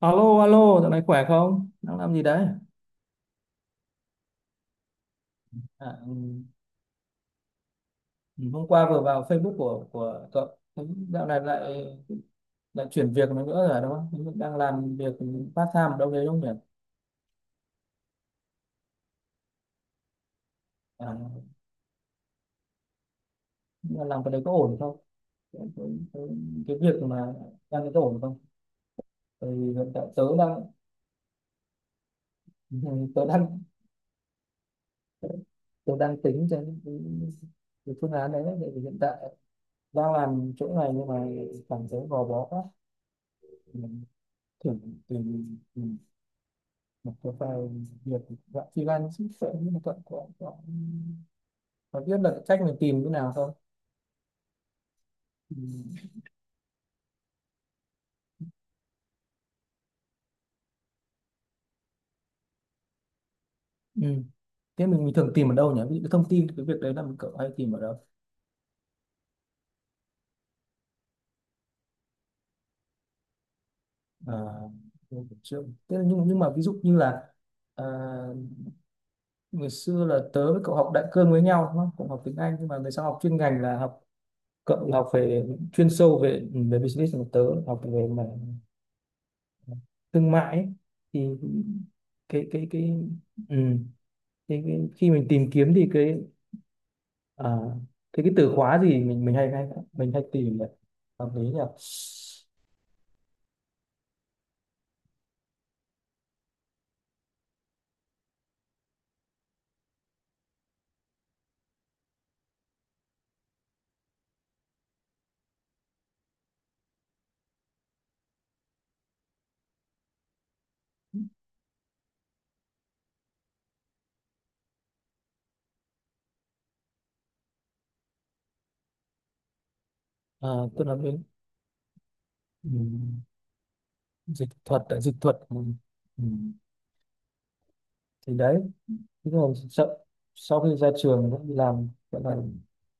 Alo, alo, dạo này khỏe không? Đang làm gì đấy? À, hôm qua vừa vào Facebook của cậu, thấy dạo này lại lại chuyển việc nữa rồi đúng không? Đang làm việc part time ở đâu đấy đúng không nhỉ? À, nhưng mà làm cái đấy có ổn không? Cái, cái, cái cái việc mà đang có ổn không? Tại vì hiện tại tớ đang tớ đang tớ đang tính cho cái, cái phương án đấy. Tại vì hiện tại đang làm chỗ này nhưng mà cảm thấy gò bó quá. Mình thử tìm một cái vài việc dạng freelance chứ sợ nhưng mà cậu có có biết là cách mình tìm như nào không? Ừ. Ừ. Thế mình thường tìm ở đâu nhỉ, ví dụ cái thông tin cái việc đấy là mình cậu hay tìm ở đâu? À, mình cũng chưa, thế là nhưng mà ví dụ như là, à, ngày xưa là tớ với cậu học đại cương với nhau đúng không, cũng học tiếng Anh nhưng mà về sau học chuyên ngành là học, cậu là học về chuyên sâu về về business, còn tớ học về mà thương mại ấy. Thì cái ừ. Thế cái, khi mình tìm kiếm thì cái, à, thế cái từ khóa gì mình hay hay mình hay tìm nhỉ, hợp lý nhỉ. À, tôi nói đến ừm, dịch thuật, tại dịch thuật ừm, thì đấy, thế sau khi ra trường cũng đi làm, gọi là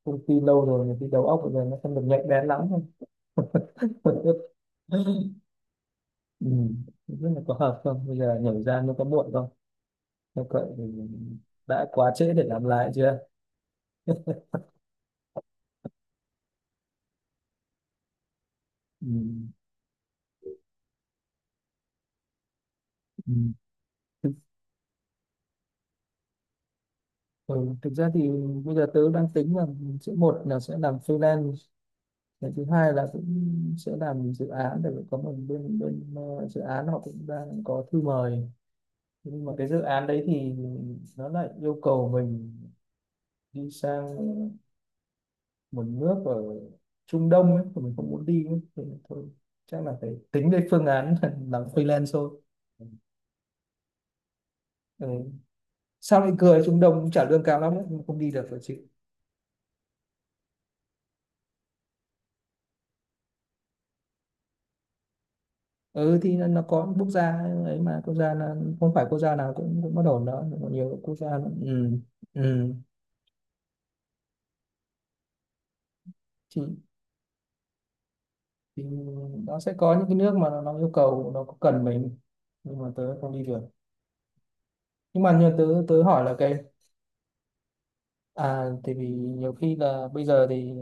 công ty lâu rồi thì cái đầu óc bây giờ nó không được nhạy bén lắm. Ừm, không biết là có hợp không, bây giờ nhảy ra nó có muộn không? Nếu vậy thì đã quá trễ để làm lại chưa? Ừm, ừm. Ừ, thực ra thì bây giờ tớ đang tính là sẽ, một là sẽ làm freelance, cái thứ hai là cũng sẽ làm dự án, để có một bên bên dự án họ cũng đang có thư mời. Thế nhưng mà cái dự án đấy thì nó lại yêu cầu mình đi sang một nước ở Trung Đông ấy, mà mình không muốn đi ấy. Thì thôi, chắc là phải tính đến phương án làm freelance thôi. Ừ. Sao lại cười, Trung Đông cũng trả lương cao lắm ấy, nhưng mà không đi được rồi chứ. Ừ thì nó có quốc gia ấy mà, quốc gia là không phải quốc gia nào cũng cũng bất ổn đó, có nhiều quốc gia. Ừ, ừ. Thì, thì nó sẽ có những cái nước mà nó yêu cầu nó có cần mình, nhưng mà tớ không đi được. Nhưng mà như tớ tớ hỏi là cái, à thì vì nhiều khi là bây giờ thì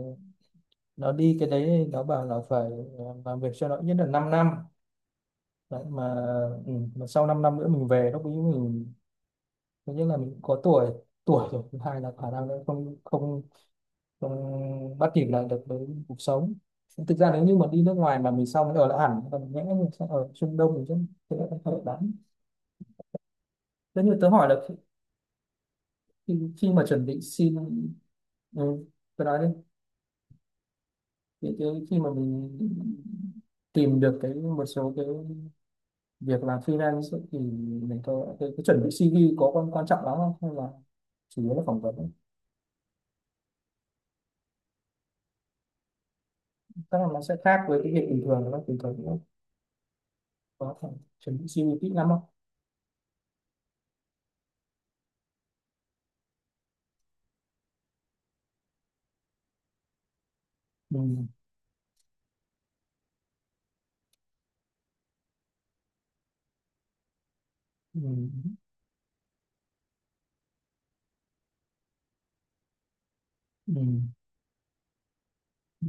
nó đi cái đấy thì nó bảo là phải làm việc cho nó ít nhất là 5 năm đấy, mà ừ, mà sau 5 năm nữa mình về lúc ấy mình, thứ nhất là mình có tuổi, tuổi rồi, thứ hai là khả năng nó không không không bắt kịp lại được với cuộc sống. Thực ra nếu như mà đi nước ngoài mà mình sau mới ở lại hẳn còn nhẽ, mình sẽ ở Trung Đông thì rất sẽ không hợp lắm. Thế như tớ hỏi là khi mà chuẩn bị xin, ừ, tớ nói đi, thì cái, khi mà mình tìm được cái một số cái việc làm freelance ấy, thì mình có cái chuẩn bị CV có quan quan trọng lắm không, hay là chủ yếu là phỏng vấn? Chắc là nó sẽ khác với cái việc bình thường đúng không, bình thường cũng có phải chuẩn bị CV kỹ lắm không? Ừ. Ừ. Ừ. Ừ. Ừ.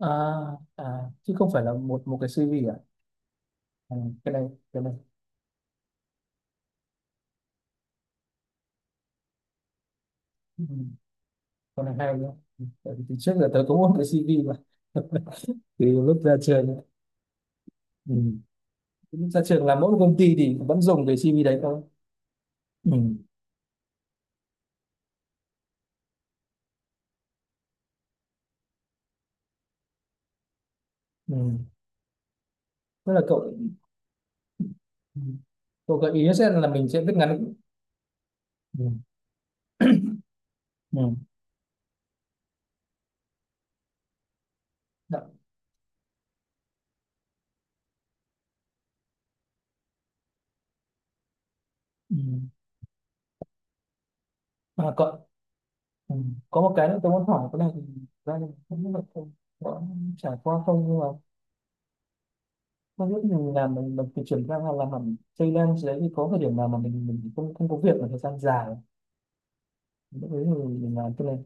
À, à chứ không phải là một một cái CV à? À cái này, cái này, ừ, cái này hay nhá. Ừ, tại vì từ trước giờ tớ cũng có một cái CV mà từ lúc ra trường. Ừ. Lúc ra trường làm mỗi một công ty thì vẫn dùng cái CV đấy thôi. Ừ. Ừ. Tức là cậu, ừ, cậu gợi ý sẽ là mình sẽ viết ngắn. Ừ. Ừ. Đã- ừ. À, cậu, ừ, có một cái nữa tôi muốn hỏi cái này thì ra, thì không biết là cậu có trải qua không. Mà lúc mình làm mình phải chuyển sang là làm hẳn freelance đấy, thì có thời điểm nào mà mình không không có việc mà thời gian dài, lúc đấy thì mình làm cái này?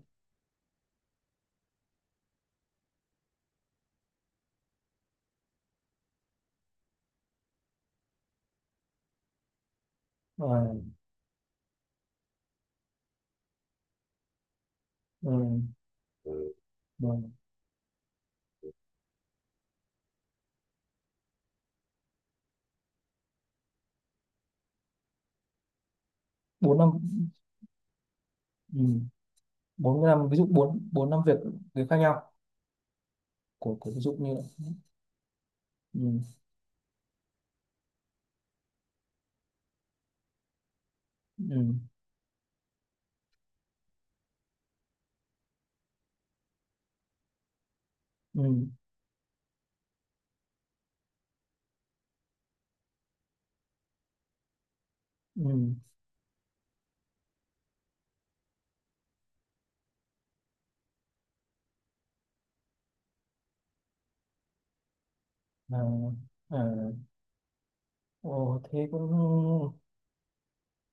Ờ, ờ, ờ, bốn năm, ừ, bốn năm, ví dụ bốn bốn năm việc, việc khác nhau của ví dụ như, ừ, ừ, ừ, ừ, à, à, ồ, thế cũng ừ,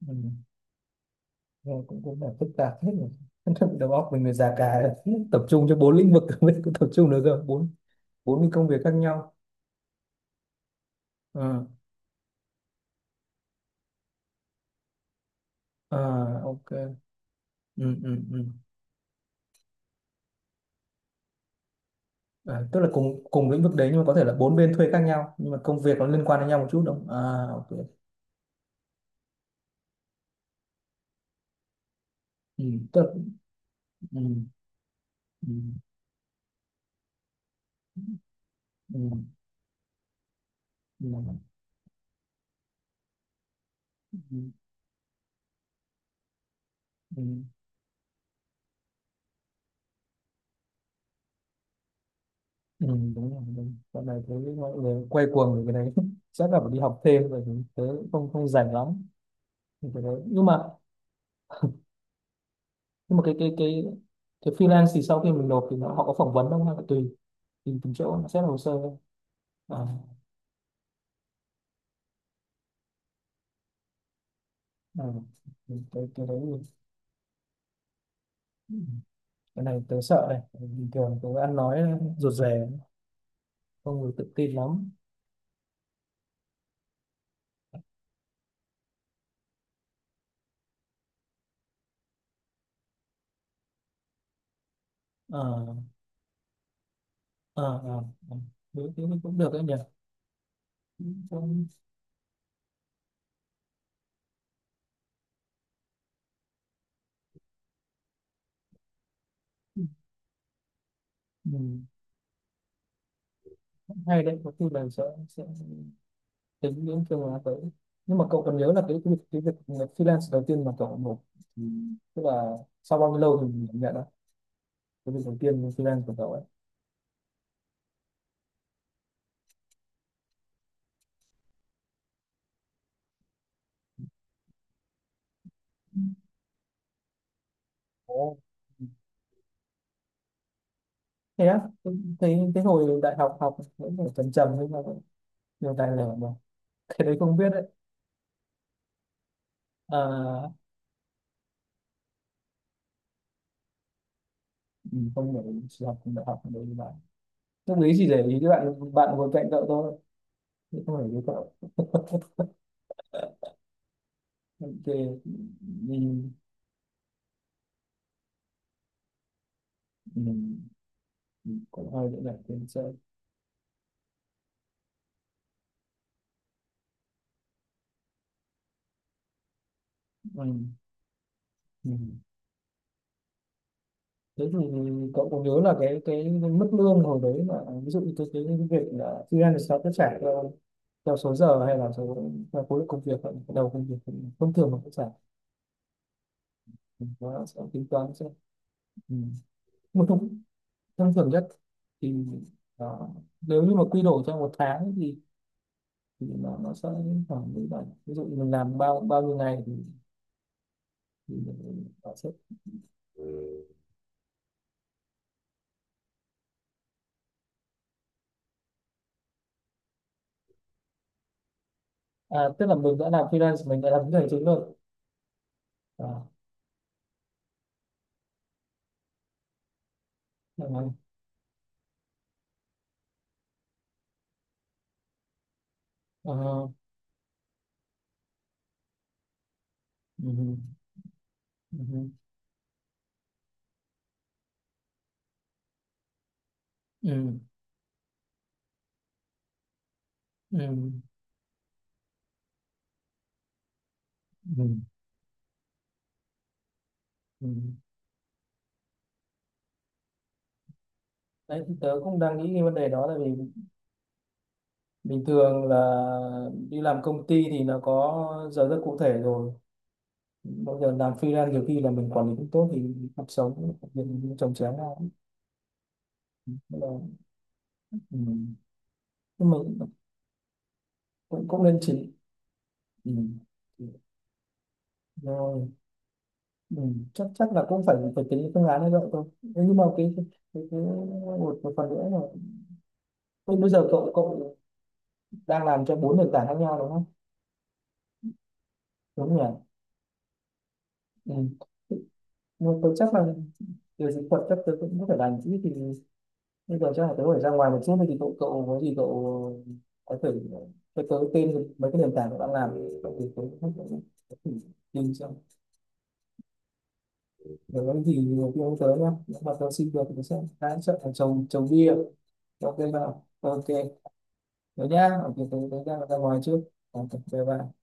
ừ, nghe cũng cũng là phức tạp hết rồi. Đầu óc mình người già cả, tập trung cho bốn lĩnh vực, mình biết tập trung được rồi, bốn bốn cái công việc khác nhau. Ờ. À, ok. Ừ, ừ, ừ. À, tức là cùng cùng lĩnh vực đấy nhưng mà có thể là bốn bên thuê khác nhau, nhưng mà công việc nó liên quan đến nhau một chút đúng không? À, ok. Ừ, tức là, ừ, ừ, ừ, ừ, ừ, ừ, ừ, ừ, đúng rồi, đúng. Dạo này thấy mọi người quay cuồng về cái đấy. Chắc là phải đi học thêm rồi thì tớ cũng không không rảnh lắm thì cái đấy. Nhưng mà cái cái freelance thì sau khi mình nộp thì họ có phỏng vấn không, hay là tùy, tùy từng chỗ nó xét hồ sơ thôi? À, à, cái đấy, cái này tớ sợ này, bình thường tớ ăn nói rụt rè không được tự tin lắm. Ờ, ờ, ờ, ờ. Đối tiếng cũng được đấy nhỉ. Cũng- ừ. Cũng hay đấy, có khi là sẽ tính đến phương án tới. Nhưng mà cậu cần nhớ là cái việc freelance đầu tiên mà cậu nộp thì, tức là sau bao nhiêu lâu thì mình nhận đó, cái việc đầu tiên freelance của cậu ấy? Ồ. Thế á, tôi thấy cái hồi đại học học vẫn phải trầm trầm nhưng mà vẫn nhiều tài liệu mà, cái đấy không biết đấy. À, mình không phải chỉ học đại học đấy bạn, tâm lý chỉ để ý các bạn bạn ngồi cạnh cậu thôi, chứ không phải với cậu. Ok, mình mình mình cũng hơi dễ dàng trên xe. Ừ. Ừ. Thế thì cậu có nhớ là cái mức lương hồi đấy là ví dụ như cái việc là freelance thì sao sẽ trả theo, theo số giờ hay là số theo khối lượng công việc hay là đầu công việc không, thông thường mà sẽ trả thì nó sẽ tính toán sẽ? Ừ. Một thông, thông thường nhất thì đó. Nếu như mà quy đổi trong một tháng thì nó sẽ đến khoảng 17, ví dụ mình làm bao bao nhiêu ngày thì mình sẽ, à, tức là mình đã làm freelance mình đã làm cái hành chính rồi? À, à, à, ừ, ừ, ừ, ừ, ừ, ừ. Ừ, ừ. Đấy, thì tớ cũng đang nghĩ cái vấn đề đó là vì bình thường là đi làm công ty thì nó có giờ rất cụ thể rồi, bây giờ làm freelance nhiều khi là mình quản lý cũng tốt thì cuộc sống việc chồng chéo ra. Nên là, ừ. Nhưng mà cũng cũng nên chỉ, ừ, rồi, ừ, chắc chắc là cũng phải phải tính cái phương án như vậy thôi. Thế nhưng mà cái một phần nữa là, thế bây giờ cậu cậu đang làm cho bốn nền tảng khác nhau đúng không, đúng nhỉ? Ừ. Nhưng mà tôi chắc là về dịch thuật chắc tôi cũng có thể làm chứ, thì bây giờ chắc là tôi phải ra ngoài một chút, thì cậu cậu có gì cậu có thể cho tôi tên mấy cái nền tảng cậu đang làm thì tôi cũng- tìm xem. Để nói gì nhiều khi ông tới nhá, nếu mà tôi xin được thì tôi sẽ hái chất ở trồng trồng bia. Ok vào, ok, thế nhá, ok, tôi ra ra ngoài trước. Ok bye bye.